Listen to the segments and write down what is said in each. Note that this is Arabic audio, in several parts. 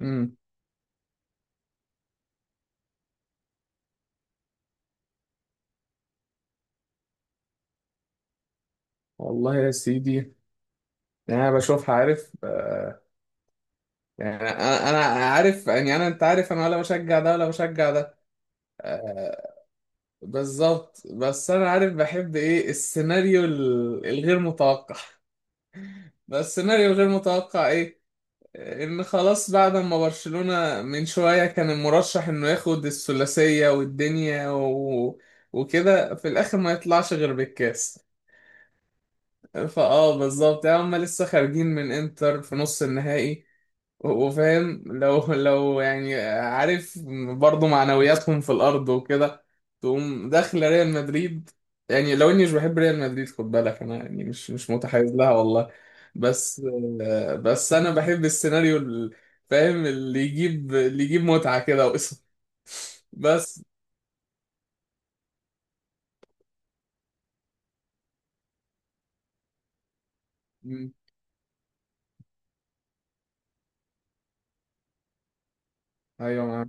امم والله يا سيدي. يعني انا بشوفها عارف آه، يعني انا عارف. يعني انا، انت عارف، انا ولا بشجع ده ولا بشجع ده. آه بالظبط، بس انا عارف بحب ايه، السيناريو الغير متوقع. بس السيناريو الغير متوقع ايه؟ ان خلاص بعد ما برشلونة من شوية كان المرشح انه ياخد الثلاثية والدنيا وكده، في الاخر ما يطلعش غير بالكاس. فاه بالظبط، يعني هم لسه خارجين من انتر في نص النهائي، وفاهم لو لو يعني عارف، برضه معنوياتهم في الارض وكده، تقوم داخل ريال مدريد. يعني لو اني مش بحب ريال مدريد خد بالك، انا يعني مش متحيز لها والله. بس، بس انا بحب السيناريو فاهم، اللي يجيب متعة كده وقصة. بس. مم. ايوه معاك.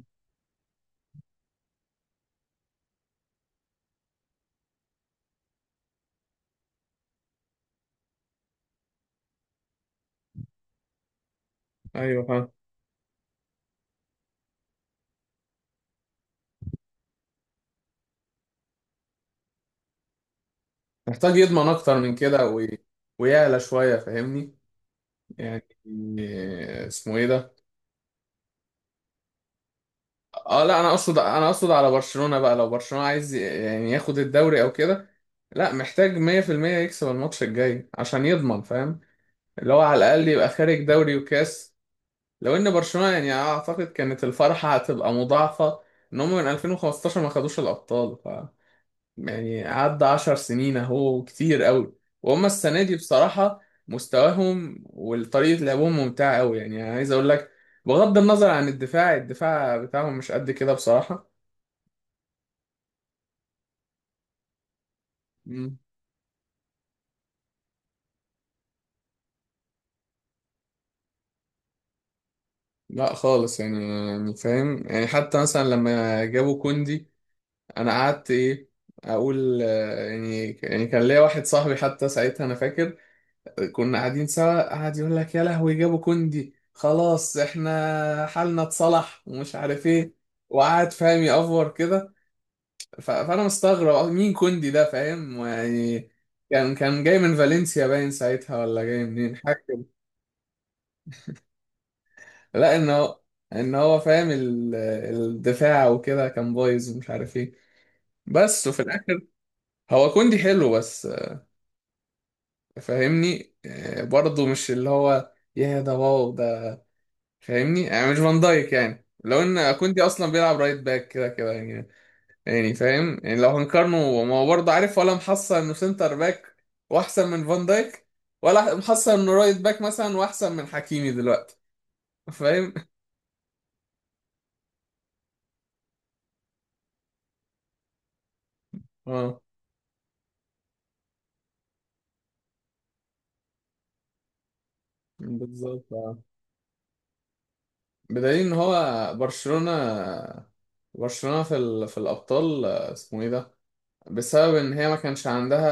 ايوه فاهم. محتاج يضمن اكتر من كده ويعلى شوية، فاهمني؟ يعني اسمه ايه ده. اه لا انا اقصد على برشلونة بقى، لو برشلونة عايز يعني ياخد الدوري او كده، لا محتاج 100% يكسب الماتش الجاي عشان يضمن، فاهم، اللي هو على الاقل يبقى خارج دوري وكاس. لو ان برشلونة يعني اعتقد كانت الفرحة هتبقى مضاعفة، ان هم من 2015 ما خدوش الابطال. يعني عدى 10 سنين اهو، كتير قوي. وهم السنة دي بصراحة مستواهم وطريقة لعبهم ممتعة قوي، يعني أنا عايز اقول لك، بغض النظر عن الدفاع بتاعهم مش قد كده بصراحة. مم. لا خالص. يعني فاهم، يعني حتى مثلا لما جابوا كوندي انا قعدت ايه، اقول يعني كان ليا واحد صاحبي حتى ساعتها، انا فاكر كنا قاعدين سوا، قعد يقول لك يا لهوي جابوا كوندي، خلاص احنا حالنا اتصلح ومش عارف ايه، وقعد فاهم يأفور كده. فانا مستغرب، مين كوندي ده، فاهم يعني. كان جاي من فالنسيا باين ساعتها، ولا جاي منين، حاجه كده. لا ان هو فاهم الدفاع وكده كان بايظ ومش عارف ايه، بس وفي الاخر. هو كوندي حلو، بس فاهمني برضه مش اللي هو يا ده واو ده. فاهمني، يعني مش فان دايك. يعني لو ان كوندي اصلا بيلعب رايت باك كده كده يعني، يعني فاهم، يعني لو هنقارنه، ما هو برضه عارف ولا محصل انه سنتر باك واحسن من فان دايك، ولا محصل انه رايت باك مثلا واحسن من حكيمي دلوقتي. فاهم. اه بالظبط اه، بدليل ان هو برشلونة، برشلونة في في الابطال اسمه ايه ده، بسبب ان هي ما كانش عندها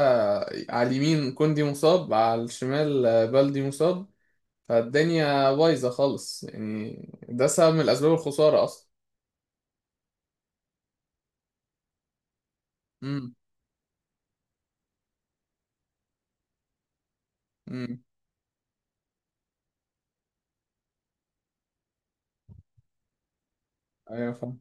على اليمين كوندي مصاب، على الشمال بالدي مصاب، فالدنيا بايظة خالص يعني. ده سبب من أسباب الخسارة أصلا. امم امم أيوة فاهم.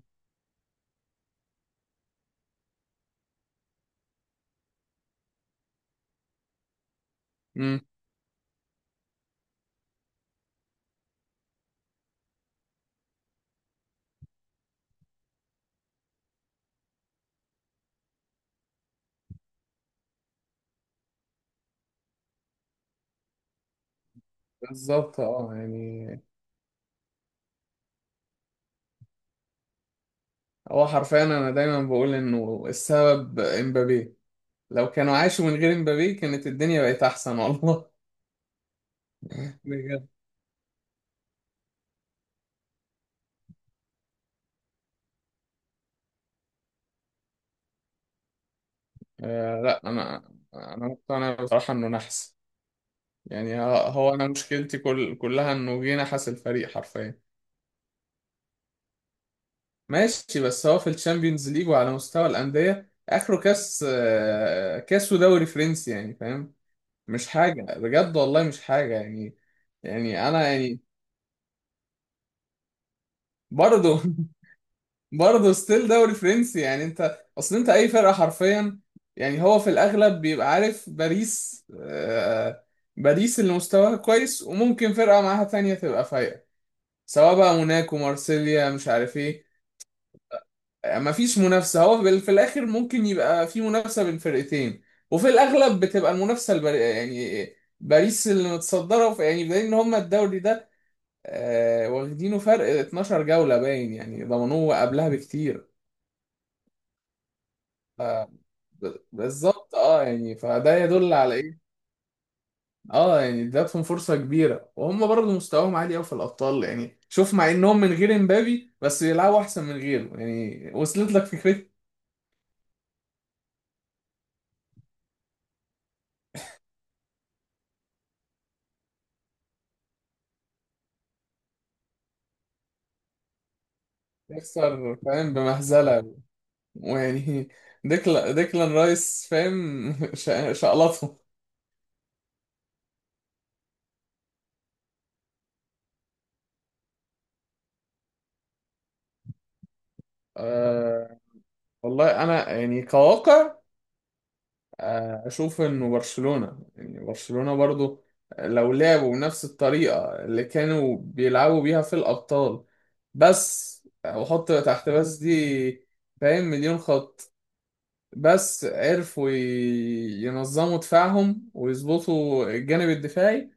امم بالظبط اه. يعني هو حرفيا أنا دايما بقول إنه السبب إمبابي. لو كانوا عاشوا من غير إمبابي كانت الدنيا بقت أحسن والله. بجد. لا أنا مقتنع بصراحة إنه نحس. يعني هو، أنا مشكلتي كلها إنه جه نحس الفريق حرفيا. ماشي، بس هو في الشامبيونز ليج وعلى مستوى الأندية آخره كاس، كاس ودوري فرنسي، يعني فاهم. مش حاجة بجد والله، مش حاجة يعني. يعني أنا يعني برضه، برضه ستيل دوري فرنسي. يعني أنت أصل، أنت أي فرقة حرفيا، يعني هو في الأغلب بيبقى عارف، باريس اللي مستواها كويس، وممكن فرقة معاها تانية تبقى فايقة، سواء بقى موناكو، مارسيليا، مش عارف ايه. مفيش منافسة، هو في الآخر ممكن يبقى في منافسة بين فرقتين، وفي الأغلب بتبقى المنافسة يعني باريس اللي متصدرة، يعني بدليل إن هما الدوري ده واخدينه فرق 12 جولة، باين يعني ضمنوه قبلها بكتير. ف- بالظبط اه. يعني فده يدل على ايه. اه يعني ادتهم فرصة كبيرة، وهم برضه مستواهم عالي قوي في الأبطال، يعني شوف، مع إنهم من غير امبابي بس بيلعبوا أحسن من غيره، يعني وصلت لك فكرة. يخسر فاهم بمهزلة، ويعني ديكلان رايس فاهم، شقلطهم. أه والله انا يعني كواقع اشوف انه برشلونة، يعني برشلونة برضو لو لعبوا بنفس الطريقة اللي كانوا بيلعبوا بيها في الابطال، بس وحط تحت بس دي، فاهم، مليون خط، بس عرفوا ينظموا دفاعهم ويظبطوا الجانب الدفاعي،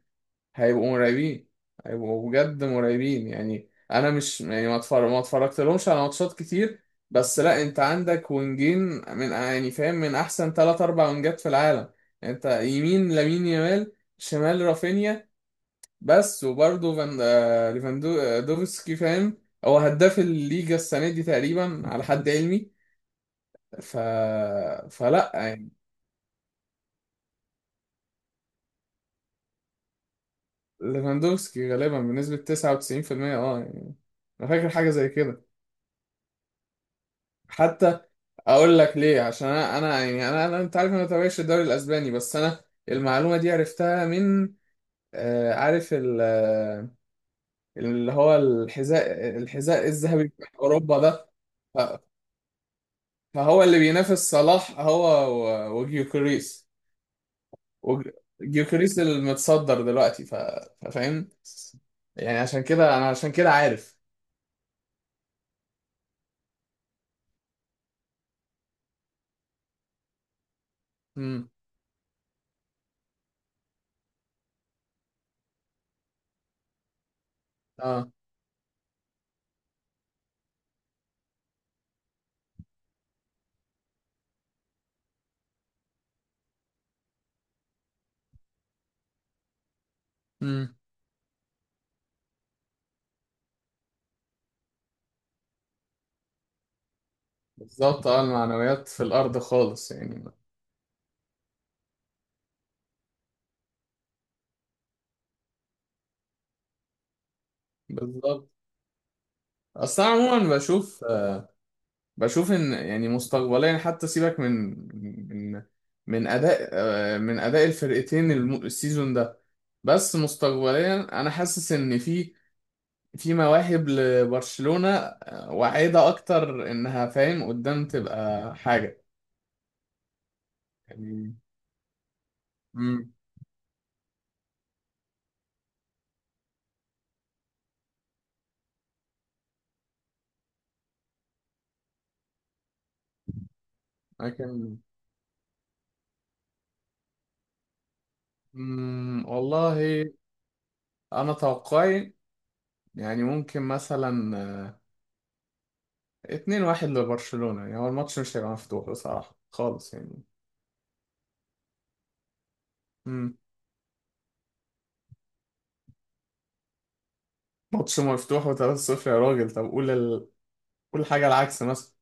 هيبقوا مرعبين. هيبقوا بجد مرعبين. يعني انا مش يعني ما اتفرجت لهمش على ماتشات كتير، بس لا انت عندك وينجين من يعني فاهم من احسن ثلاث اربع وينجات في العالم. يعني انت يمين لامين يامال، شمال رافينيا، بس. وبرضه فان آه، ليفاندو- آه، دوفسكي، فاهم، هو هداف الليجا السنه دي تقريبا على حد علمي. ف فلا يعني. ليفاندوفسكي غالبا بنسبه 99% اه يعني، انا فاكر حاجه زي كده، حتى اقول لك ليه، عشان أنا انت عارف، انا ما بتابعش الدوري الاسباني، بس انا المعلومه دي عرفتها من، عارف اللي هو الحذاء الذهبي بتاع اوروبا ده. ف- فهو اللي بينافس صلاح، هو وجيوكريس وج- جيوكريس المتصدر دلوقتي، فاهم. يعني عشان كده عارف. امم اه امم بالظبط اه، المعنويات في الارض خالص يعني. بالظبط. اصل انا عموما بشوف ان يعني مستقبليا، حتى سيبك من من اداء الفرقتين السيزون ده، بس مستقبليا انا حاسس ان في مواهب لبرشلونة واعدة، اكتر انها فاهم قدام تبقى حاجة يعني. امم لكن والله انا توقعي يعني ممكن مثلا 2-1 لبرشلونة، يعني هو الماتش مش هيبقى مفتوح بصراحة خالص يعني. ماتش مفتوح وثلاثة صفر يا راجل، طب قول قول حاجة العكس مثلا،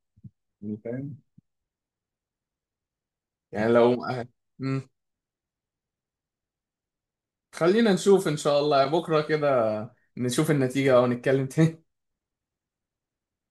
يعني فاهم، يعني لو. مم. خلينا نشوف إن شاء الله بكرة كده، نشوف النتيجة أو نتكلم تاني.